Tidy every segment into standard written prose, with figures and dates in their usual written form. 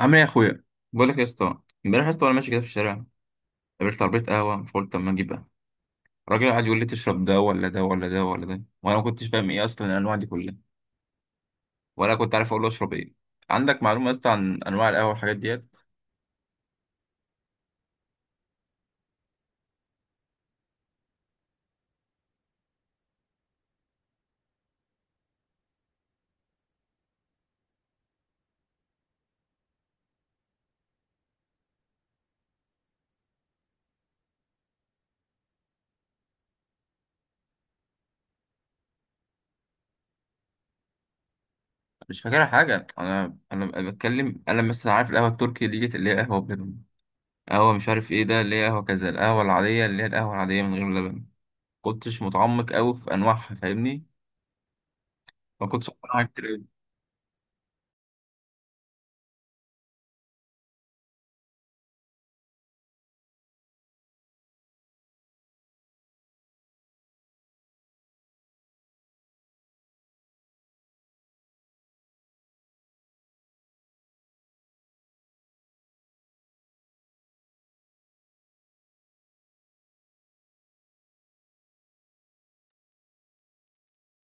عامل ايه يا اخويا؟ بقول لك يا اسطى، امبارح يا اسطى وانا ماشي كده في الشارع قابلت عربيه قهوه، فقلت اما اجيب قهوه. الراجل قعد يقول لي تشرب ده ولا ده ولا ده ولا ده، وانا ما كنتش فاهم ايه اصلا الانواع دي كلها، ولا كنت عارف اقول له اشرب ايه. عندك معلومه يا اسطى عن انواع القهوه والحاجات ديت؟ مش فاكرها حاجه، انا بتكلم، انا مثلا عارف القهوه التركي ديت اللي هي قهوه بلبن، قهوه مش عارف ايه ده اللي هي قهوه كذا، القهوه العاديه اللي هي القهوه العاديه من غير لبن. كنتش متعمق قوي في انواعها فاهمني، ما كنتش أعرف حاجات كتير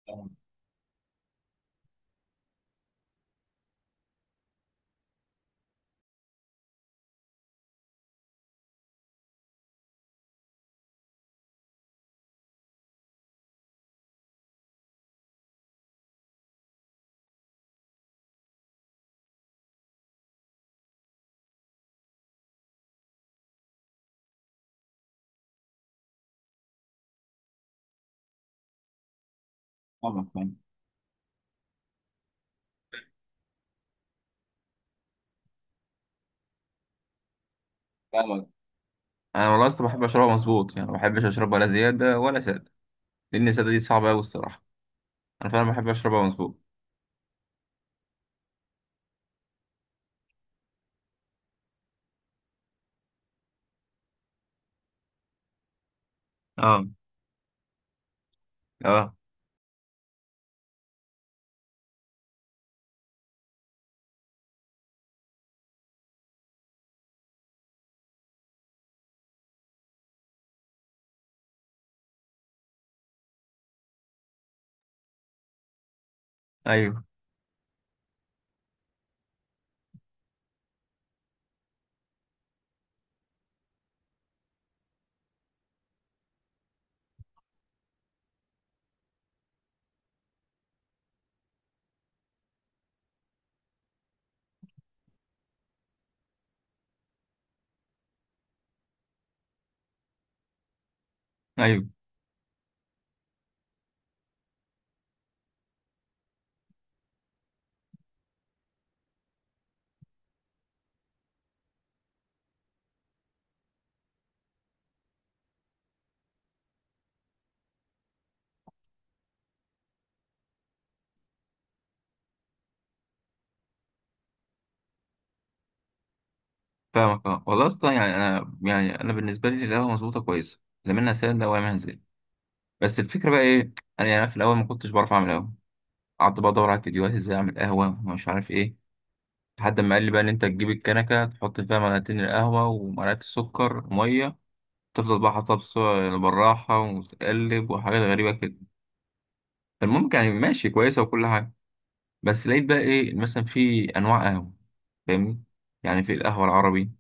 قوي. فاهمك فاهمك فاهمك. انا والله اصلا بحب اشربها مظبوط، يعني ما بحبش اشربها لا زياده ولا ساده، لان الساده دي صعبه قوي الصراحه. انا فعلا بحب اشربها مظبوط. اه. اه. ايوه. ايوه. فاهمك. اه والله اصلا يعني انا، يعني انا بالنسبه لي القهوه مظبوطه كويسه، لا منها ساده ولا منها زيت. بس الفكره بقى ايه، انا يعني في الاول ما كنتش بعرف اعمل قهوه، قعدت بقى ادور على فيديوهات ازاي اعمل قهوه ومش عارف ايه، لحد ما قال لي بقى ان انت تجيب الكنكه تحط فيها معلقتين القهوه ومعلقه السكر وميه، تفضل بقى حاطها بالراحه وتقلب وحاجات غريبه كده. المهم يعني ماشي كويسة وكل حاجة. بس لقيت بقى إيه، مثلا في أنواع قهوة، فاهمني، يعني في القهوة العربي،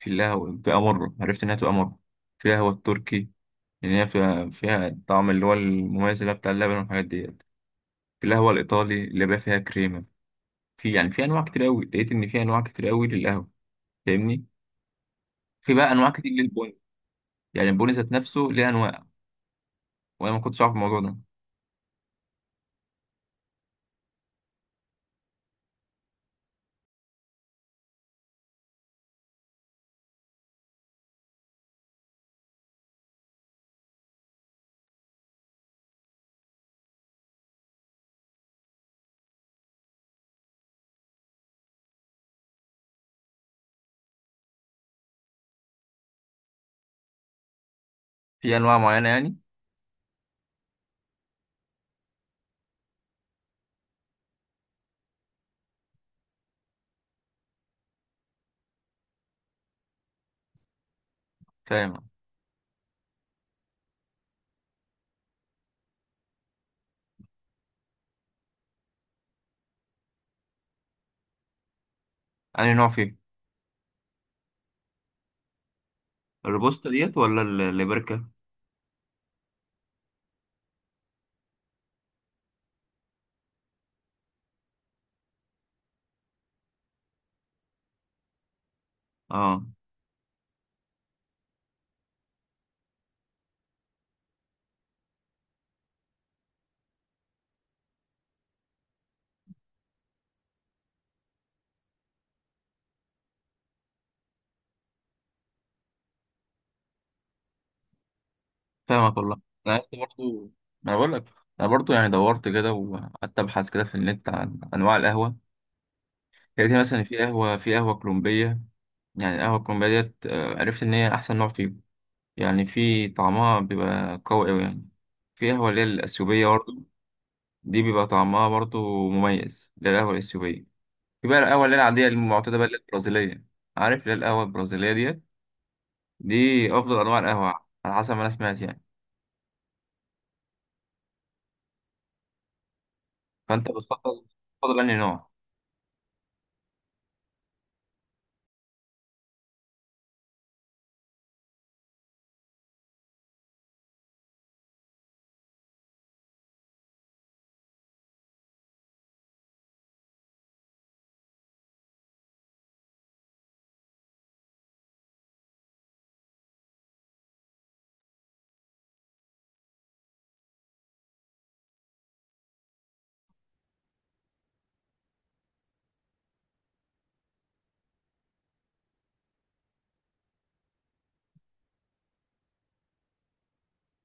في القهوة بتبقى مرة، عرفت إنها بتبقى مرة، في القهوة التركي لأن هي بتبقى فيها الطعم اللي هو المميز اللي هو بتاع اللبن والحاجات ديت، في القهوة الإيطالي اللي بقى فيها كريمة. في يعني في أنواع كتير أوي، لقيت إن في أنواع كتير أوي للقهوة فاهمني، في بقى أنواع كتير للبن. يعني البن ذات نفسه ليه أنواع، وأنا ما كنتش أعرف الموضوع ده، في أنواع معينة يعني. فاهم. أنا نوع فيه الروبوستا ديت ولا الليبركا؟ اه. فاهمك والله. انا عايز برضو، ما انا بقول لك، انا برضو يعني دورت كده وقعدت ابحث كده في النت عن انواع القهوه، يعني زي مثلا في قهوه، في قهوه كولومبيه، يعني القهوه الكولومبيه ديت عرفت ان هي احسن نوع فيهم، يعني في طعمها بيبقى قوي قوي يعني. في قهوه اللي هي الاثيوبيه برضو، دي بيبقى طعمها برضو مميز اللي هي القهوه الاثيوبيه. في بقى القهوه اللي هي العاديه المعتاده بقى اللي هي البرازيليه. عارف اللي هي القهوه البرازيليه ديت، دي افضل انواع القهوه على حسب ما انا سمعت يعني. فانت بتفضل بتفضل انهي نوع؟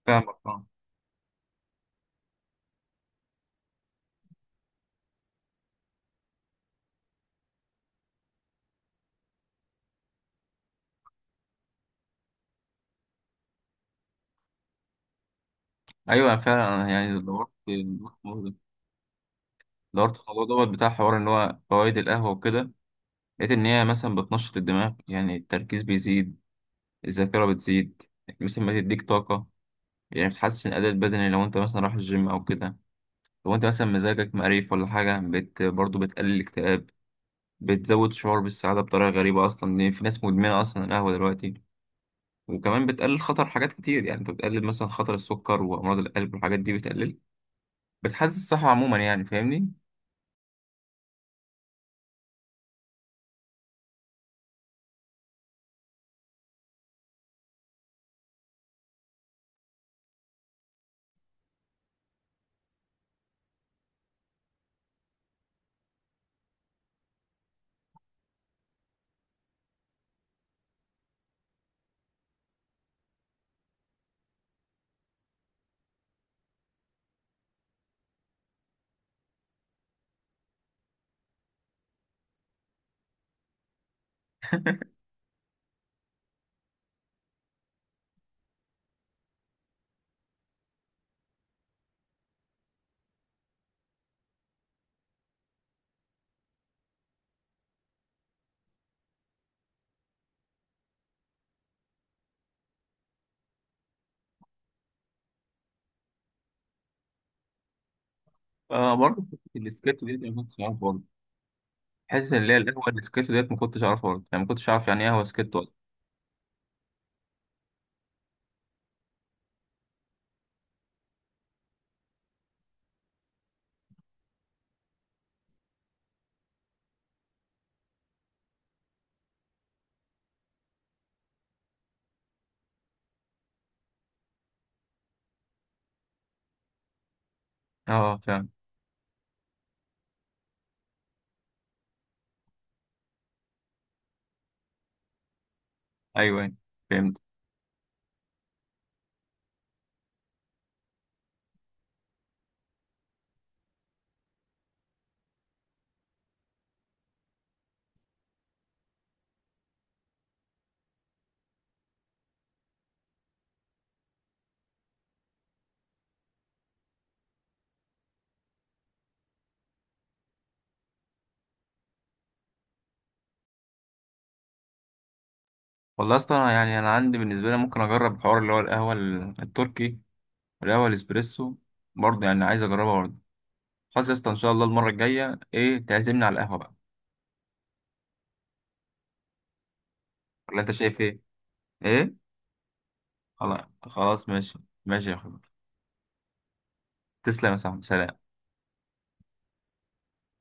فاهمك. ايوه فعلا. أنا يعني دورت دورت في الموضوع ده. دورت في الموضوع دوت بتاع حوار ان هو فوائد القهوه وكده، لقيت ان هي مثلا بتنشط الدماغ، يعني التركيز بيزيد، الذاكره بتزيد، يعني مثلا بتديك طاقه، يعني بتحسن الاداء البدني لو انت مثلا رايح الجيم او كده، لو انت مثلا مزاجك مقريف ولا حاجه بت برضه بتقلل الاكتئاب، بتزود شعور بالسعاده بطريقه غريبه اصلا، لان في ناس مدمنه اصلا القهوه دلوقتي. وكمان بتقلل خطر حاجات كتير، يعني انت بتقلل مثلا خطر السكر وامراض القلب والحاجات دي بتقلل، بتحسن الصحه عموما يعني فاهمني. برضه حتة السكيتو ديت أنا ما كنتش أعرف برضه، حتة اللي هي القهوة السكيتو ديت ما كنتش أعرفها برضه، يعني ما كنتش أعرف يعني إيه قهوة سكيتو أصلا. أه فاهم. أيوه أيوه فهمت. والله أصلا أنا يعني أنا عندي بالنسبة لي ممكن أجرب الحوار اللي هو القهوة التركي والقهوة الإسبريسو برضه، يعني عايز أجربها برضه. خلاص يا اسطى، إن شاء الله المرة الجاية إيه تعزمني على القهوة بقى، ولا أنت شايف إيه؟ إيه؟ خلاص خلاص ماشي. ماشي يا أخويا، تسلم يا صاحبي، سلام.